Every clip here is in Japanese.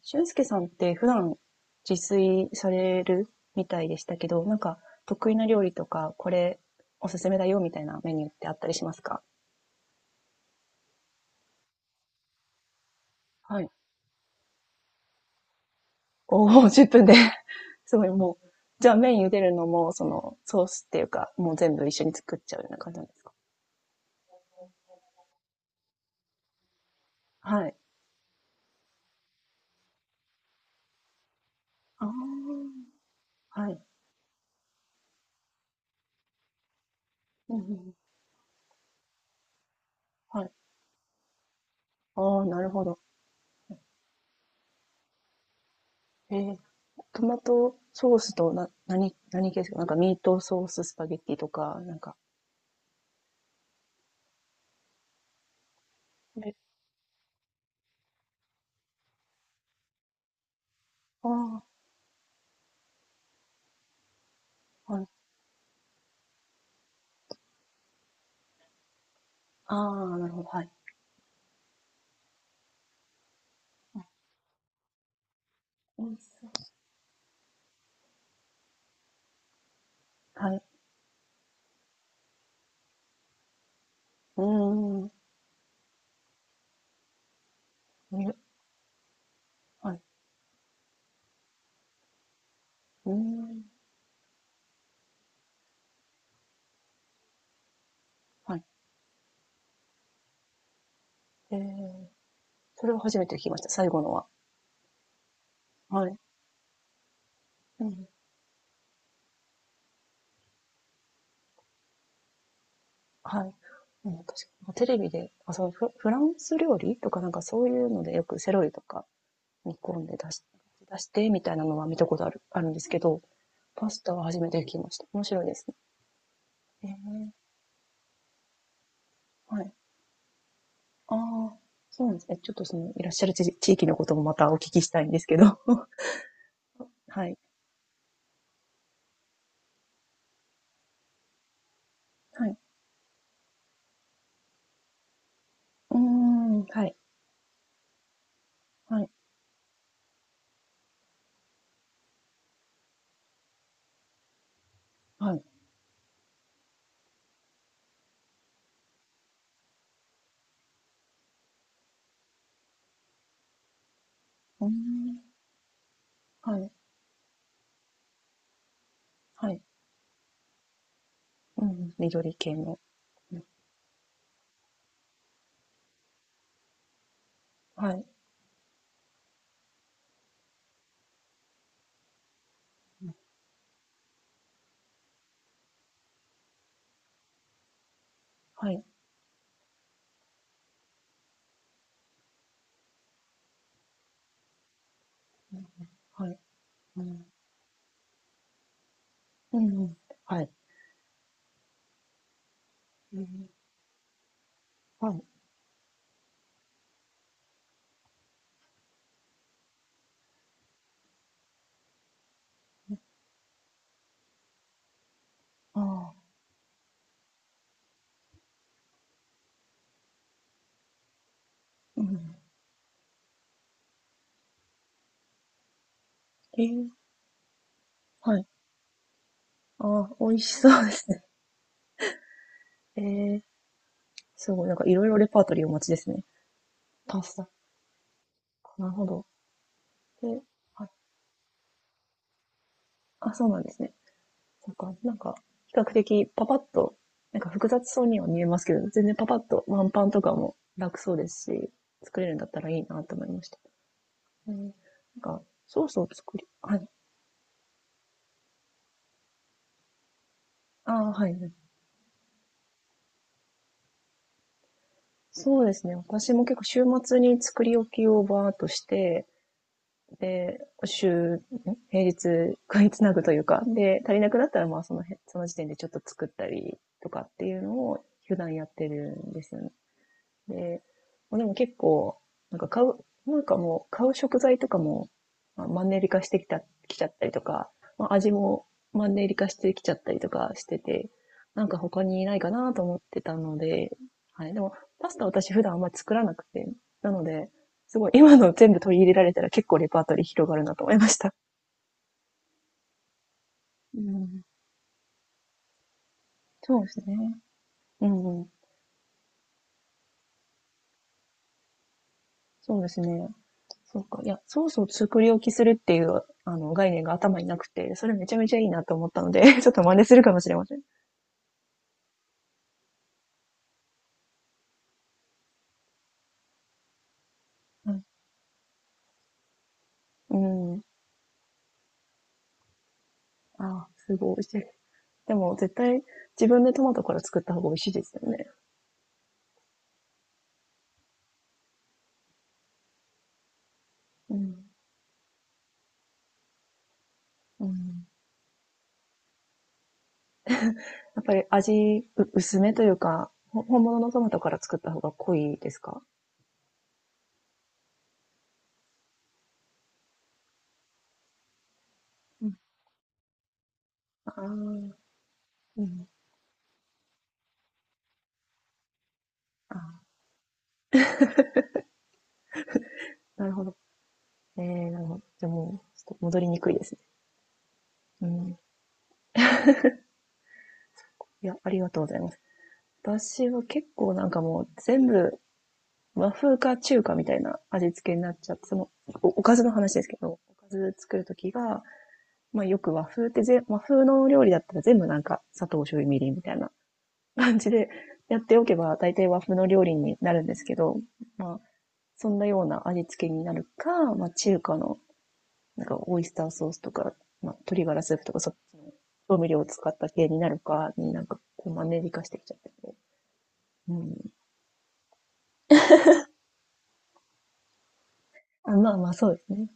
俊介さんって普段自炊されるみたいでしたけど、なんか得意な料理とか、これおすすめだよみたいなメニューってあったりしますか？はい。おー、10分で すごい もう、じゃあ麺茹でるのも、そのソースっていうか、もう全部一緒に作っちゃうような感じなんですか？はい。ああ、はい。うんうんうん、はい。ああ、なるほど。えー、トマトソースとな、何系ですか？なんかミートソーススパゲッティとか、なんか。え、ああ、はい。ああ、なるほど。はい。そはい。うーん。見る。はい。うーん。はい。ええ、それは初めて聞きました。最後のは。はい。うん。はい。うん、確かテレビで、あ、そう、フランス料理とかなんかそういうのでよくセロリとか煮込んで出してみたいなのは見たことあるんですけど、パスタは初めて聞きました。面白いですね。ええ、はい。ああ、そうなんですね。ちょっとその、いらっしゃる地域のこともまたお聞きしたいんですけど。はい。はい。うーん、はい、はい、はい。うーん、はい、はい。うん、緑系の。うん、はい、はい、うん、はい、うん、うん、うん、はい、うん、はい、うああ、うん、えー、はい、ああ、美味しそうですね。えー、すごい、なんかいろいろレパートリーお持ちですね。パスタ。なるほど。え、はい。あ、そうなんですね。そうか、なんか、比較的パパッと、なんか複雑そうには見えますけど、全然パパッとワンパンとかも楽そうですし、作れるんだったらいいなと思いました。うん、なんか、ソースを作り、はい。ああ、はい。そうですね。私も結構週末に作り置きをバーっとして、で、週、ん平日買いつなぐというか、で、足りなくなったらまあその辺、その時点でちょっと作ったりとかっていうのを普段やってるんですよね。で、まあ、でも結構、なんか買う、なんかもう買う食材とかも、まあ、マンネリ化してきた、きちゃったりとか、まあ、味もマンネリ化してきちゃったりとかしてて、なんか他にないかなと思ってたので、はい。でも、パスタ私普段あんまり作らなくて、なので、すごい今の全部取り入れられたら結構レパートリー広がるなと思いました。うん。そうですね。うんうん。そうですね。そうか。いや、ソースを作り置きするっていう、概念が頭になくて、それめちゃめちゃいいなと思ったので、ちょっと真似するかもしれません。うん。うん。あ、すごい美味しい。でも、絶対、自分でトマトから作った方が美味しいですよね。うん。うん。やっぱり味、薄めというか、本物のトマトから作った方が濃いですか？うん。ああ、うん。あー、なるほど。えー、なるほど。じゃあもう、ちょっと戻りにくいですね。うん。いや、ありがとうございます。私は結構なんかもう全部和風か中華みたいな味付けになっちゃって、その、おかずの話ですけど、おかず作るときが、まあよく和風って和風の料理だったら全部なんか砂糖、醤油、みりんみたいな感じで やっておけば大体和風の料理になるんですけど、まあそんなような味付けになるか、まあ中華のなんかオイスターソースとか、まあ鶏ガラスープとか調味料を使った系になるかになんかこうマンネリ化してきちゃってて。うん。あ、まあまあそうですね。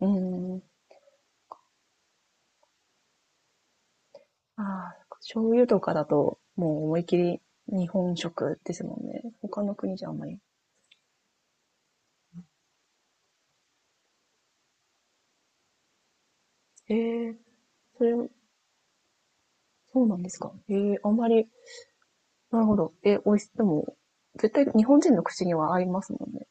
うん。ああ、醤油とかだと、もう思いっきり日本食ですもんね。他の国じゃあんまり。ええ、それ、そうなんですか？ええ、あんまり、なるほど。え、美味し、でも、絶対日本人の口には合いますもんね。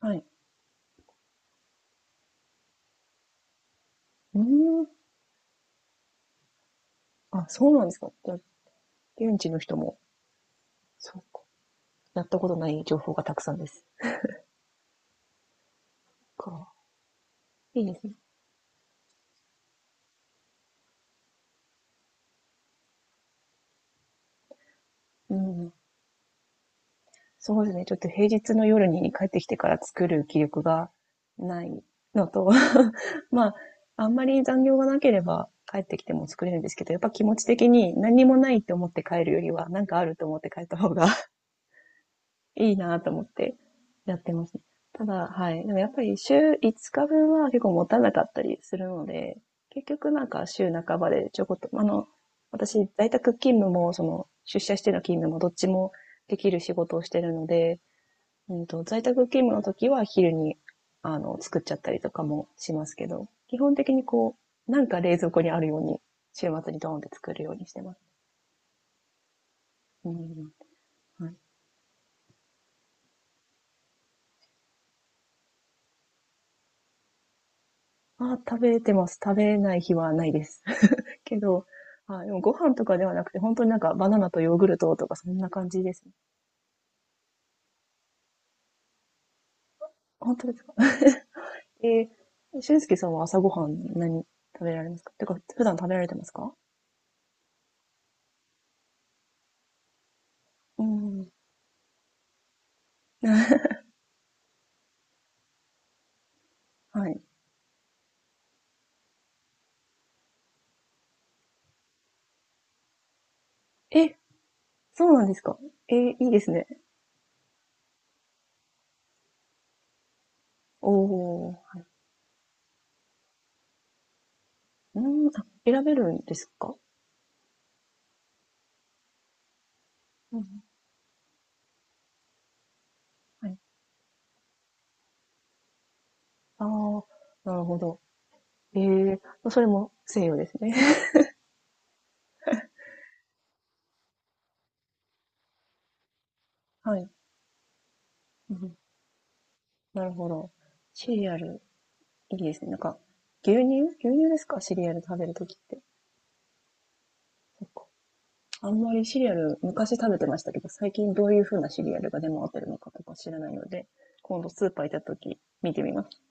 はい。うーん。あ、そうなんですか？じゃあ、現地の人も、そうか。やったことない情報がたくさんです。か。いいですね。うん。そうですね。ちょっと平日の夜に帰ってきてから作る気力がないのと、まあ、あんまり残業がなければ帰ってきても作れるんですけど、やっぱ気持ち的に何もないって思って帰るよりは、なんかあると思って帰った方が いいなと思ってやってますね。ただ、はい。でもやっぱり週5日分は結構持たなかったりするので、結局なんか週半ばでちょこっと、私、在宅勤務も、出社しての勤務もどっちもできる仕事をしてるので、在宅勤務の時は昼に、作っちゃったりとかもしますけど、基本的になんか冷蔵庫にあるように、週末にドーンって作るようにしてます。うん。はい。あ、食べてます。食べない日はないです。けど、あ、でもご飯とかではなくて、本当になんかバナナとヨーグルトとかそんな感じですね。本当ですか？えー、俊介さんは朝ごはん何食べられますか？てか、普段食べられてますか？うん。はい。え、そうなんですか？えー、いいですね。おー。うーん、あ、選べるんですか？うんうん、はい。ああ、なるほど。ええ、ま、それも西洋ですね。はい。うんうん、なるほど。シリアル、いいですね。なんか、牛乳ですか？シリアル食べるときって。そっか。あんまりシリアル、昔食べてましたけど、最近どういう風なシリアルが出回ってるのかとか知らないので、今度スーパー行った時見てみます。